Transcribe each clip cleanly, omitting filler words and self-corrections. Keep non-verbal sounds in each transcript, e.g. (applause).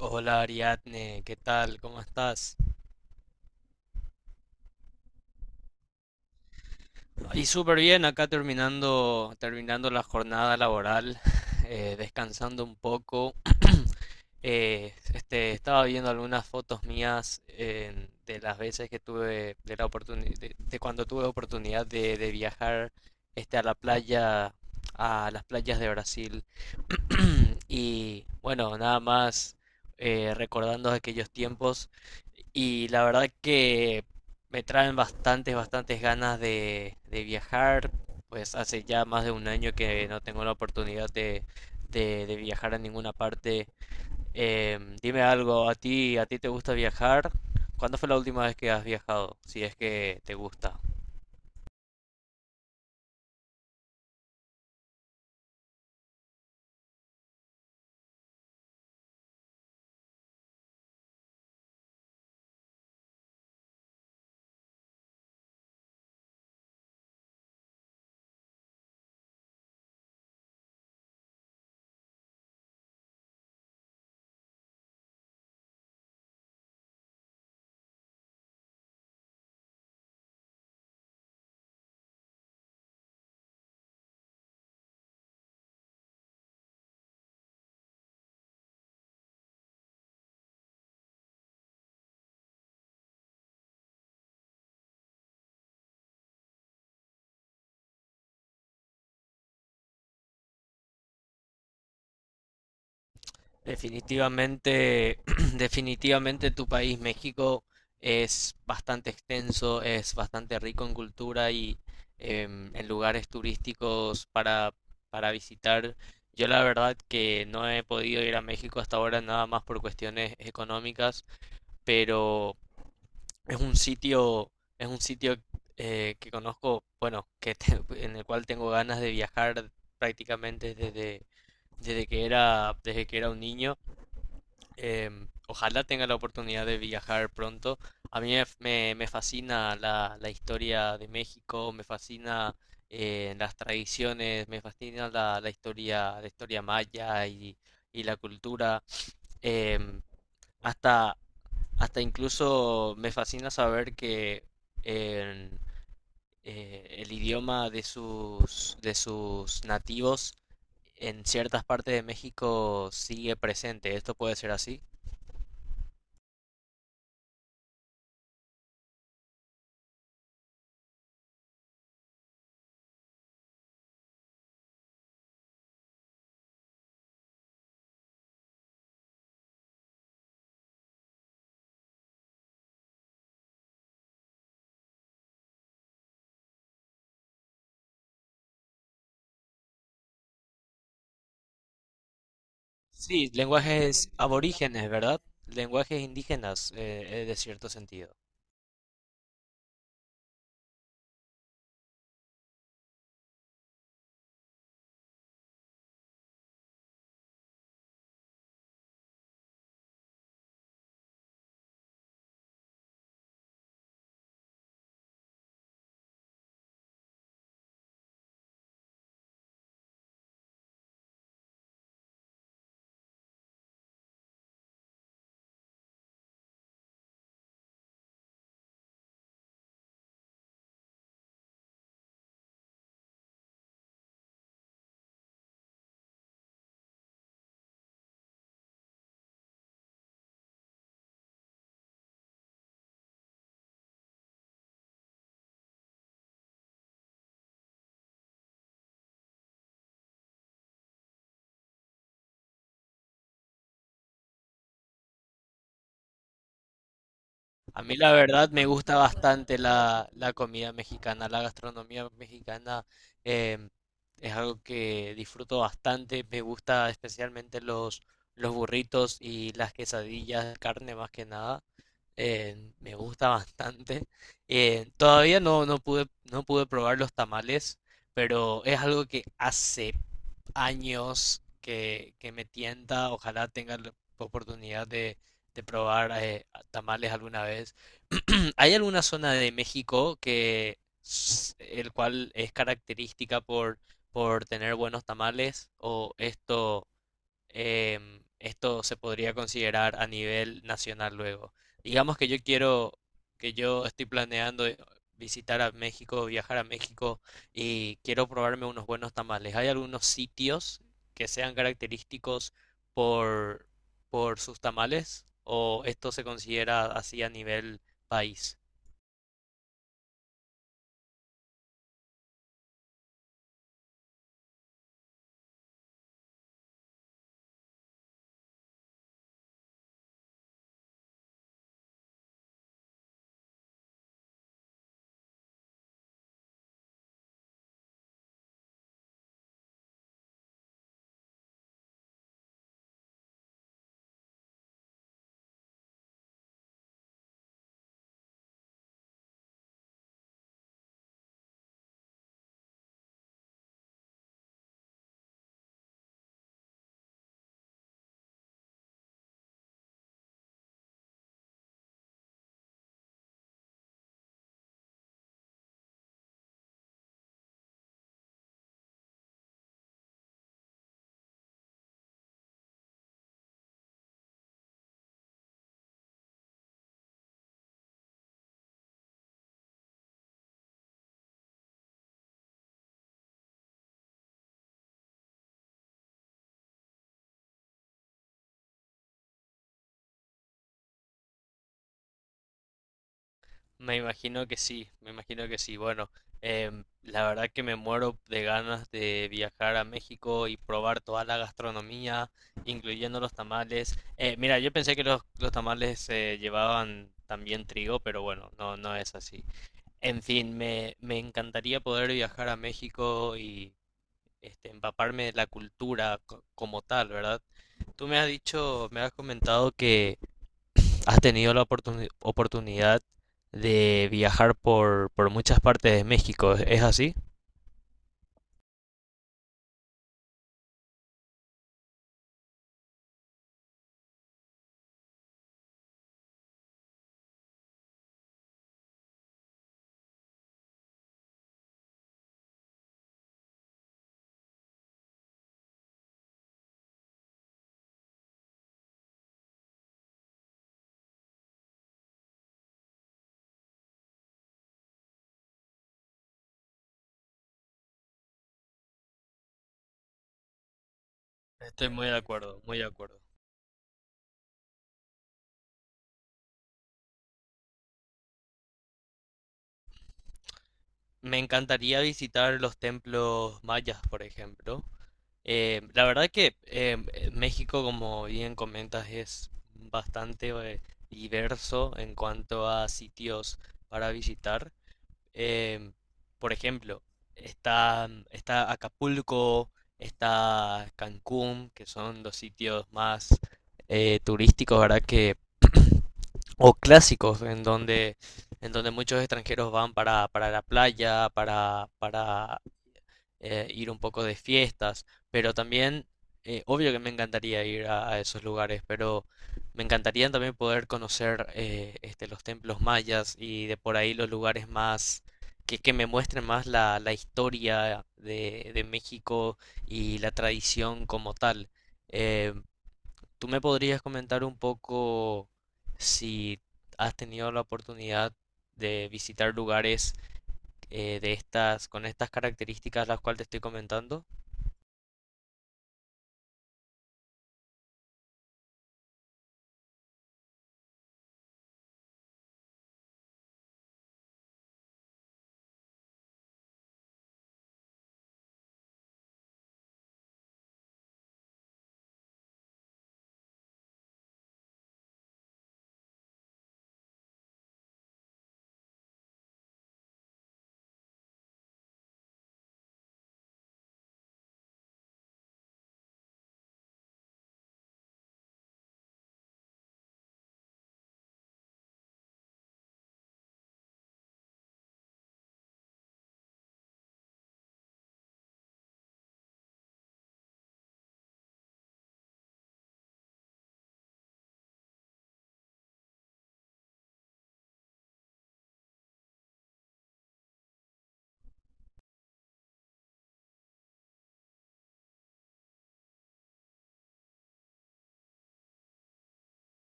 Hola Ariadne, ¿qué tal? ¿Cómo estás? Y súper bien, acá terminando, la jornada laboral, (laughs) descansando un poco. Estaba viendo algunas fotos mías de las veces que tuve, de la oportunidad, de cuando tuve oportunidad de viajar a la playa, a las playas de Brasil. Y bueno, nada más recordando aquellos tiempos. Y la verdad que me traen bastantes ganas de viajar. Pues hace ya más de un año que no tengo la oportunidad de viajar a ninguna parte. Dime algo, ¿a ti te gusta viajar? ¿Cuándo fue la última vez que has viajado? Si es que te gusta. Definitivamente, (clears throat) definitivamente tu país, México, es bastante extenso, es bastante rico en cultura y en lugares turísticos para visitar. Yo la verdad que no he podido ir a México hasta ahora nada más por cuestiones económicas, pero es un sitio, es un sitio que conozco, bueno, (laughs) en el cual tengo ganas de viajar prácticamente desde que era un niño. Ojalá tenga la oportunidad de viajar pronto. A mí me fascina la historia de México, me fascina las tradiciones, me fascina la historia maya y la cultura. Em, hasta, hasta incluso me fascina saber que en, el idioma de sus nativos en ciertas partes de México sigue presente. ¿Esto puede ser así? Sí, lenguajes aborígenes, ¿verdad? Lenguajes indígenas, de cierto sentido. A mí la verdad me gusta bastante la comida mexicana, la gastronomía mexicana, em, es algo que disfruto bastante, me gusta especialmente los burritos y las quesadillas, de carne más que nada. Me gusta bastante. Eh, todavía no pude, no pude probar los tamales, pero es algo que hace años que me tienta. Ojalá tenga la oportunidad de probar tamales alguna vez. (clears throat) Hay alguna zona de México el cual es característica por tener buenos tamales, o esto, esto se podría considerar a nivel nacional luego. Digamos que yo quiero, que yo estoy planeando visitar a México, viajar a México y quiero probarme unos buenos tamales. ¿Hay algunos sitios que sean característicos por, por sus tamales? ¿O esto se considera así a nivel país? Me imagino que sí, me imagino que sí. Bueno, la verdad que me muero de ganas de viajar a México y probar toda la gastronomía, incluyendo los tamales. Mira, yo pensé que los tamales llevaban también trigo, pero bueno, no, no es así. En fin, me encantaría poder viajar a México y empaparme de la cultura como tal, ¿verdad? Tú me has dicho, me has comentado que ¿has tenido la oportunidad de viajar por muchas partes de México? ¿Es así? Estoy muy de acuerdo, muy de acuerdo. Me encantaría visitar los templos mayas, por ejemplo. La verdad que México, como bien comentas, es bastante diverso en cuanto a sitios para visitar. Em, por ejemplo, está, mm, está Acapulco, está Cancún, que son los sitios más turísticos, ¿verdad? Que, (clears throat) o clásicos, en donde muchos extranjeros van para la playa, para ir un poco de fiestas, pero también, obvio que me encantaría ir a esos lugares, pero me encantaría también poder conocer los templos mayas y de por ahí los lugares más... que me muestren más la historia de México y la tradición como tal. Eh, ¿Tú me podrías comentar un poco si has tenido la oportunidad de visitar lugares con estas características las cuales te estoy comentando?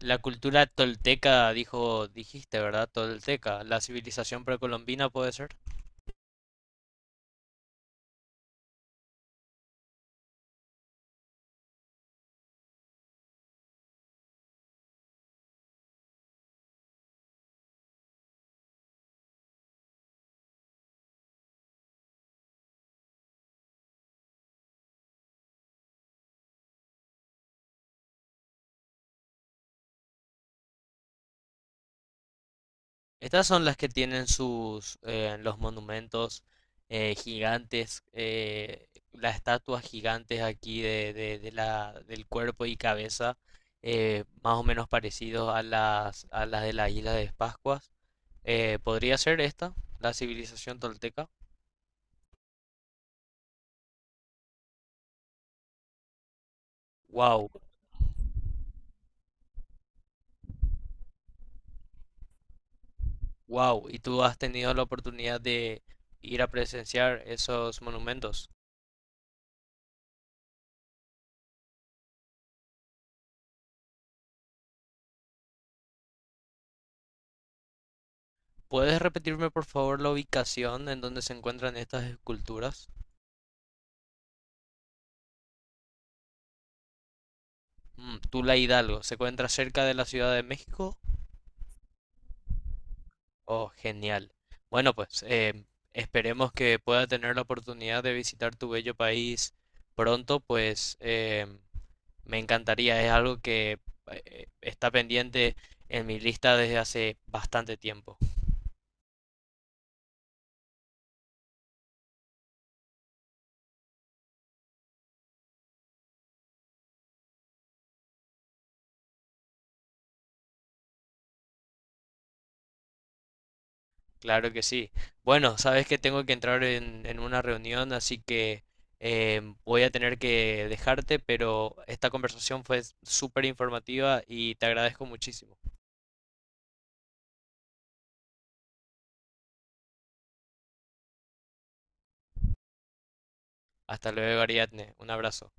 La cultura tolteca, dijiste, ¿verdad? Tolteca, la civilización precolombina puede ser. Estas son las que tienen sus los monumentos gigantes, las estatuas gigantes aquí de la, del cuerpo y cabeza, más o menos parecidos a las de la isla de Pascuas. ¿Podría ser esta, la civilización tolteca? Wow, wow. ¿Y tú has tenido la oportunidad de ir a presenciar esos monumentos? ¿Puedes repetirme por favor la ubicación en donde se encuentran estas esculturas? Mm, Tula Hidalgo, ¿se encuentra cerca de la Ciudad de México? Oh, genial. Bueno, pues esperemos que pueda tener la oportunidad de visitar tu bello país pronto, pues me encantaría, es algo que está pendiente en mi lista desde hace bastante tiempo. Claro que sí. Bueno, sabes que tengo que entrar en una reunión, así que voy a tener que dejarte, pero esta conversación fue súper informativa y te agradezco muchísimo. Hasta luego, Ariadne. Un abrazo.